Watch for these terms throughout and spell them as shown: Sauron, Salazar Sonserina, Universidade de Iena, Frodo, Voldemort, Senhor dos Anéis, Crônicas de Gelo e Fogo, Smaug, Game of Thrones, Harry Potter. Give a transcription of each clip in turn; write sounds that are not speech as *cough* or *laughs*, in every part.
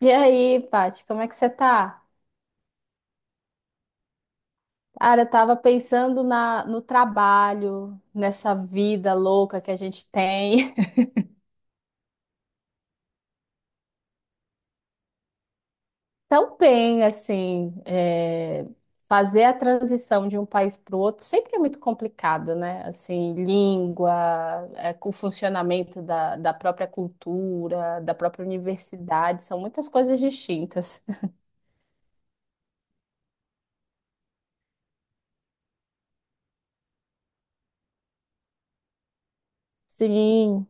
E aí, Paty, como é que você tá? Cara, eu tava pensando no trabalho, nessa vida louca que a gente tem. *laughs* Tão bem, assim, fazer a transição de um país para o outro sempre é muito complicado, né? Assim, língua, com o funcionamento da própria cultura, da própria universidade, são muitas coisas distintas. *laughs* Sim,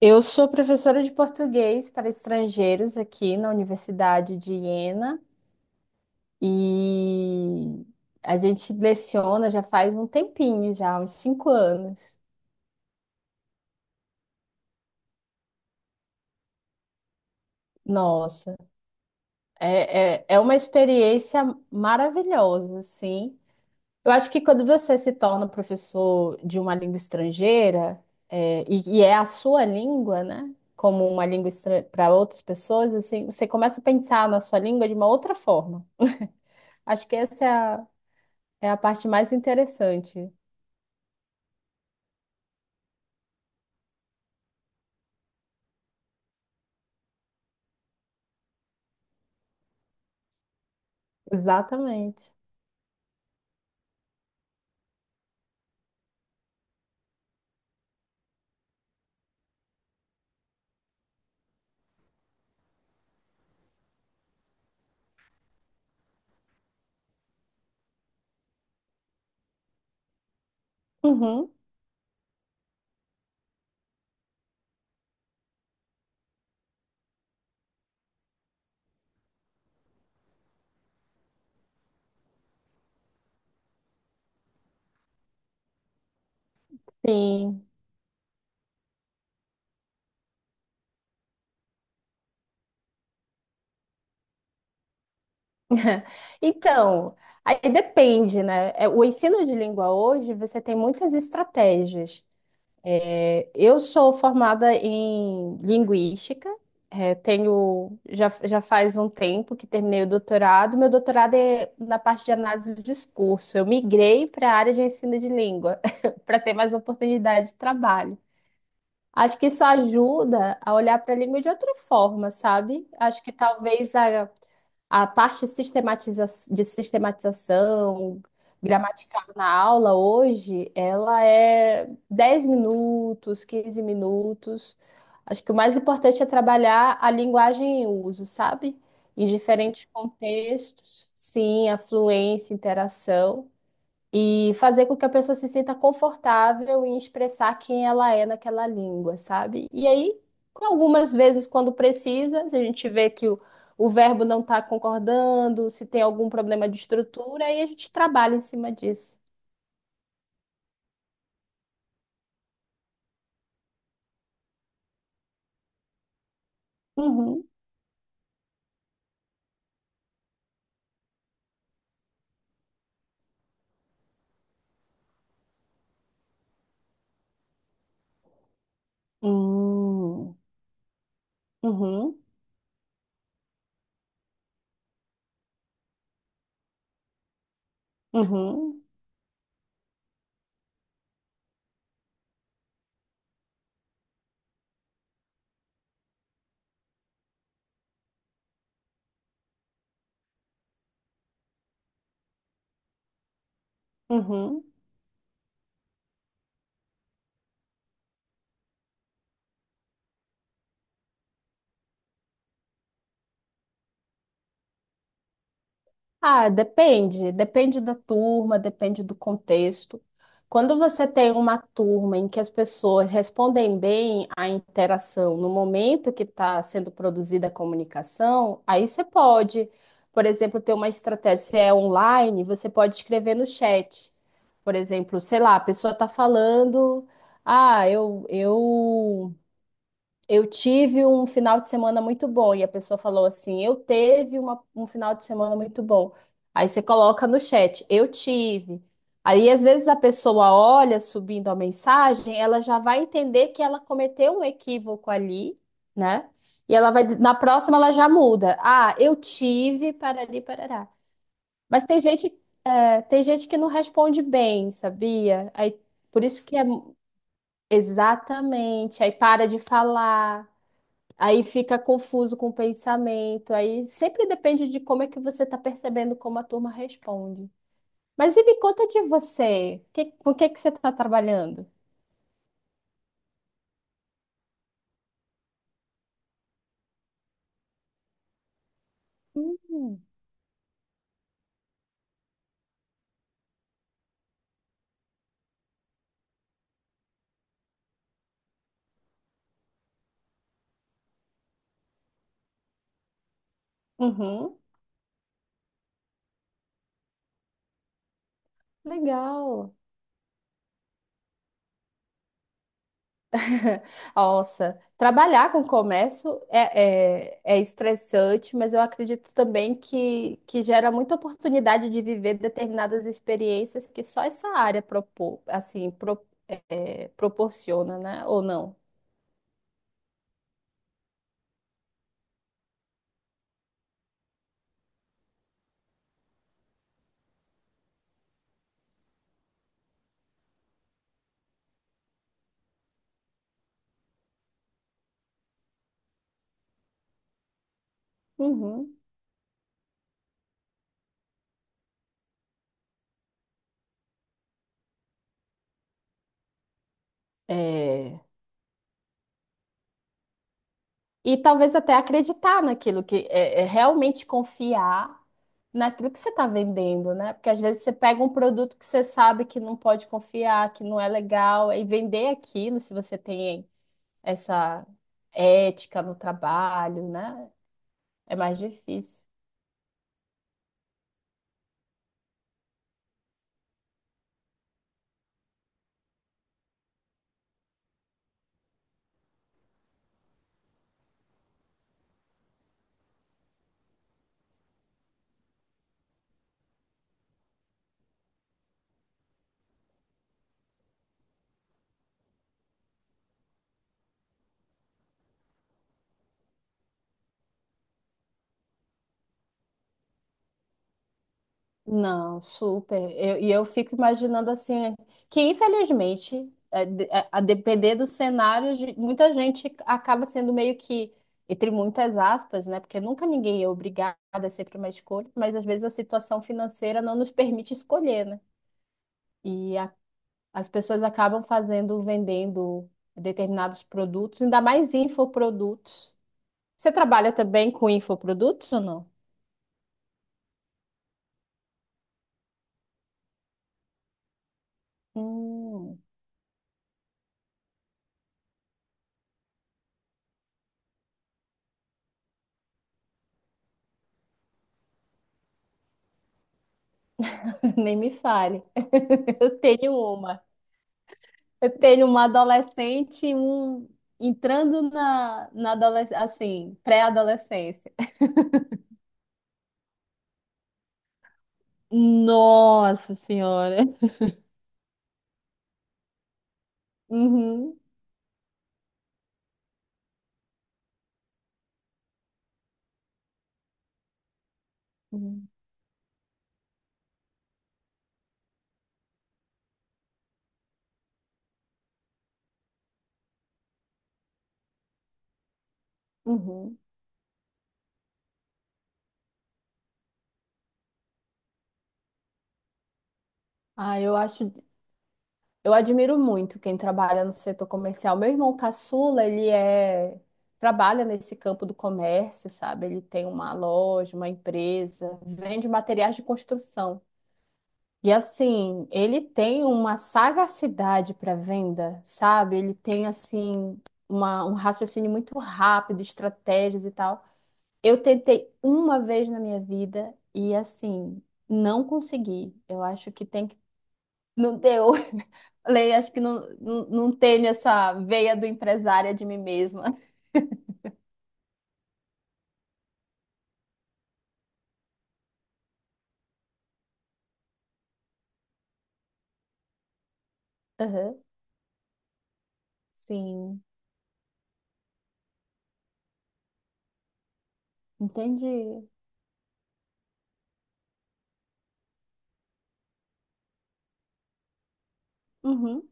eu sou professora de português para estrangeiros aqui na Universidade de Iena. E a gente leciona já faz um tempinho, já, uns 5 anos. Nossa, é uma experiência maravilhosa, assim. Eu acho que quando você se torna professor de uma língua estrangeira, e é a sua língua, né? Como uma língua para outras pessoas, assim, você começa a pensar na sua língua de uma outra forma. Acho que essa é a parte mais interessante. Exatamente. Uhum. Sim. *laughs* Então, aí depende, né? O ensino de língua hoje, você tem muitas estratégias. É, eu sou formada em linguística, tenho, já faz um tempo que terminei o doutorado. Meu doutorado é na parte de análise do discurso. Eu migrei para a área de ensino de língua, *laughs* para ter mais oportunidade de trabalho. Acho que isso ajuda a olhar para a língua de outra forma, sabe? Acho que talvez a parte sistematização gramatical na aula hoje, ela é 10 minutos, 15 minutos. Acho que o mais importante é trabalhar a linguagem em uso, sabe? Em diferentes contextos. Sim, a fluência, interação e fazer com que a pessoa se sinta confortável em expressar quem ela é naquela língua, sabe? E aí, algumas vezes, quando precisa, se a gente vê que o verbo não está concordando, se tem algum problema de estrutura, aí a gente trabalha em cima disso. Uhum. Hum. Uhum. Uhum. Uhum. Ah, depende, depende da turma, depende do contexto. Quando você tem uma turma em que as pessoas respondem bem à interação no momento que está sendo produzida a comunicação, aí você pode, por exemplo, ter uma estratégia, se é online, você pode escrever no chat. Por exemplo, sei lá, a pessoa está falando, ah, eu tive um final de semana muito bom e a pessoa falou assim: Eu teve um final de semana muito bom. Aí você coloca no chat: Eu tive. Aí às vezes a pessoa olha subindo a mensagem, ela já vai entender que ela cometeu um equívoco ali, né? E ela vai, na próxima ela já muda. Ah, eu tive, parari, parará. Mas tem gente, tem gente que não responde bem, sabia? Aí por isso que é exatamente, aí para de falar. Aí fica confuso com o pensamento. Aí sempre depende de como é que você está percebendo como a turma responde. Mas e me conta de você. Com o que que você está trabalhando? Hum, Uhum, legal. *laughs* Nossa, trabalhar com comércio é estressante, mas eu acredito também que gera muita oportunidade de viver determinadas experiências que só essa área é, proporciona, né? Ou não? Uhum. É. E talvez até acreditar naquilo é realmente confiar naquilo que você está vendendo, né? Porque às vezes você pega um produto que você sabe que não pode confiar, que não é legal, e vender aquilo, se você tem essa ética no trabalho, né? É mais difícil. Não, super. E eu fico imaginando assim, que infelizmente, a depender do cenário, muita gente acaba sendo meio que, entre muitas aspas, né? Porque nunca ninguém é obrigado, é sempre uma escolha, mas às vezes a situação financeira não nos permite escolher, né? E a- As pessoas acabam fazendo, vendendo determinados produtos, ainda mais infoprodutos. Você trabalha também com infoprodutos ou não? Hum, *laughs* nem me fale. *laughs* Eu tenho uma. Eu tenho uma adolescente, e um entrando na adolescência, assim, pré-adolescência. Nossa senhora. Uhum. Uhum. Uhum. Ah, eu acho, eu admiro muito quem trabalha no setor comercial. Meu irmão caçula, trabalha nesse campo do comércio, sabe? Ele tem uma loja, uma empresa, vende materiais de construção. E assim, ele tem uma sagacidade para venda, sabe? Ele tem assim um raciocínio muito rápido, estratégias e tal. Eu tentei uma vez na minha vida e assim, não consegui. Eu acho que tem que não deu. *laughs* Falei, acho que não tenho essa veia do empresária de mim mesma. Aham, sim, entendi. Uhum,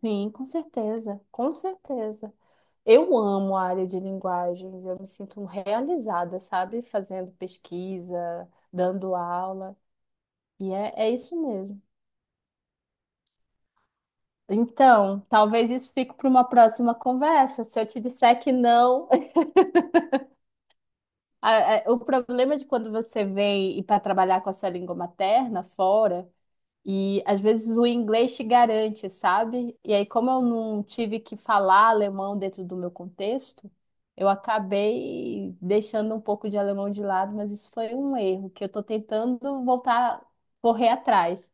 sim, com certeza, com certeza. Eu amo a área de linguagens, eu me sinto realizada, sabe? Fazendo pesquisa, dando aula, e é isso mesmo. Então, talvez isso fique para uma próxima conversa. Se eu te disser que não, *laughs* o problema de quando você vem e para trabalhar com a sua língua materna fora. E às vezes o inglês te garante, sabe? E aí, como eu não tive que falar alemão dentro do meu contexto, eu acabei deixando um pouco de alemão de lado, mas isso foi um erro que eu tô tentando voltar, correr atrás.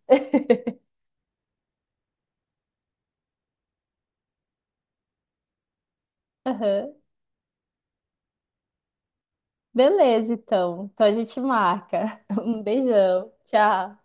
Aham. Beleza, então. Então a gente marca. *laughs* Um beijão. Tchau.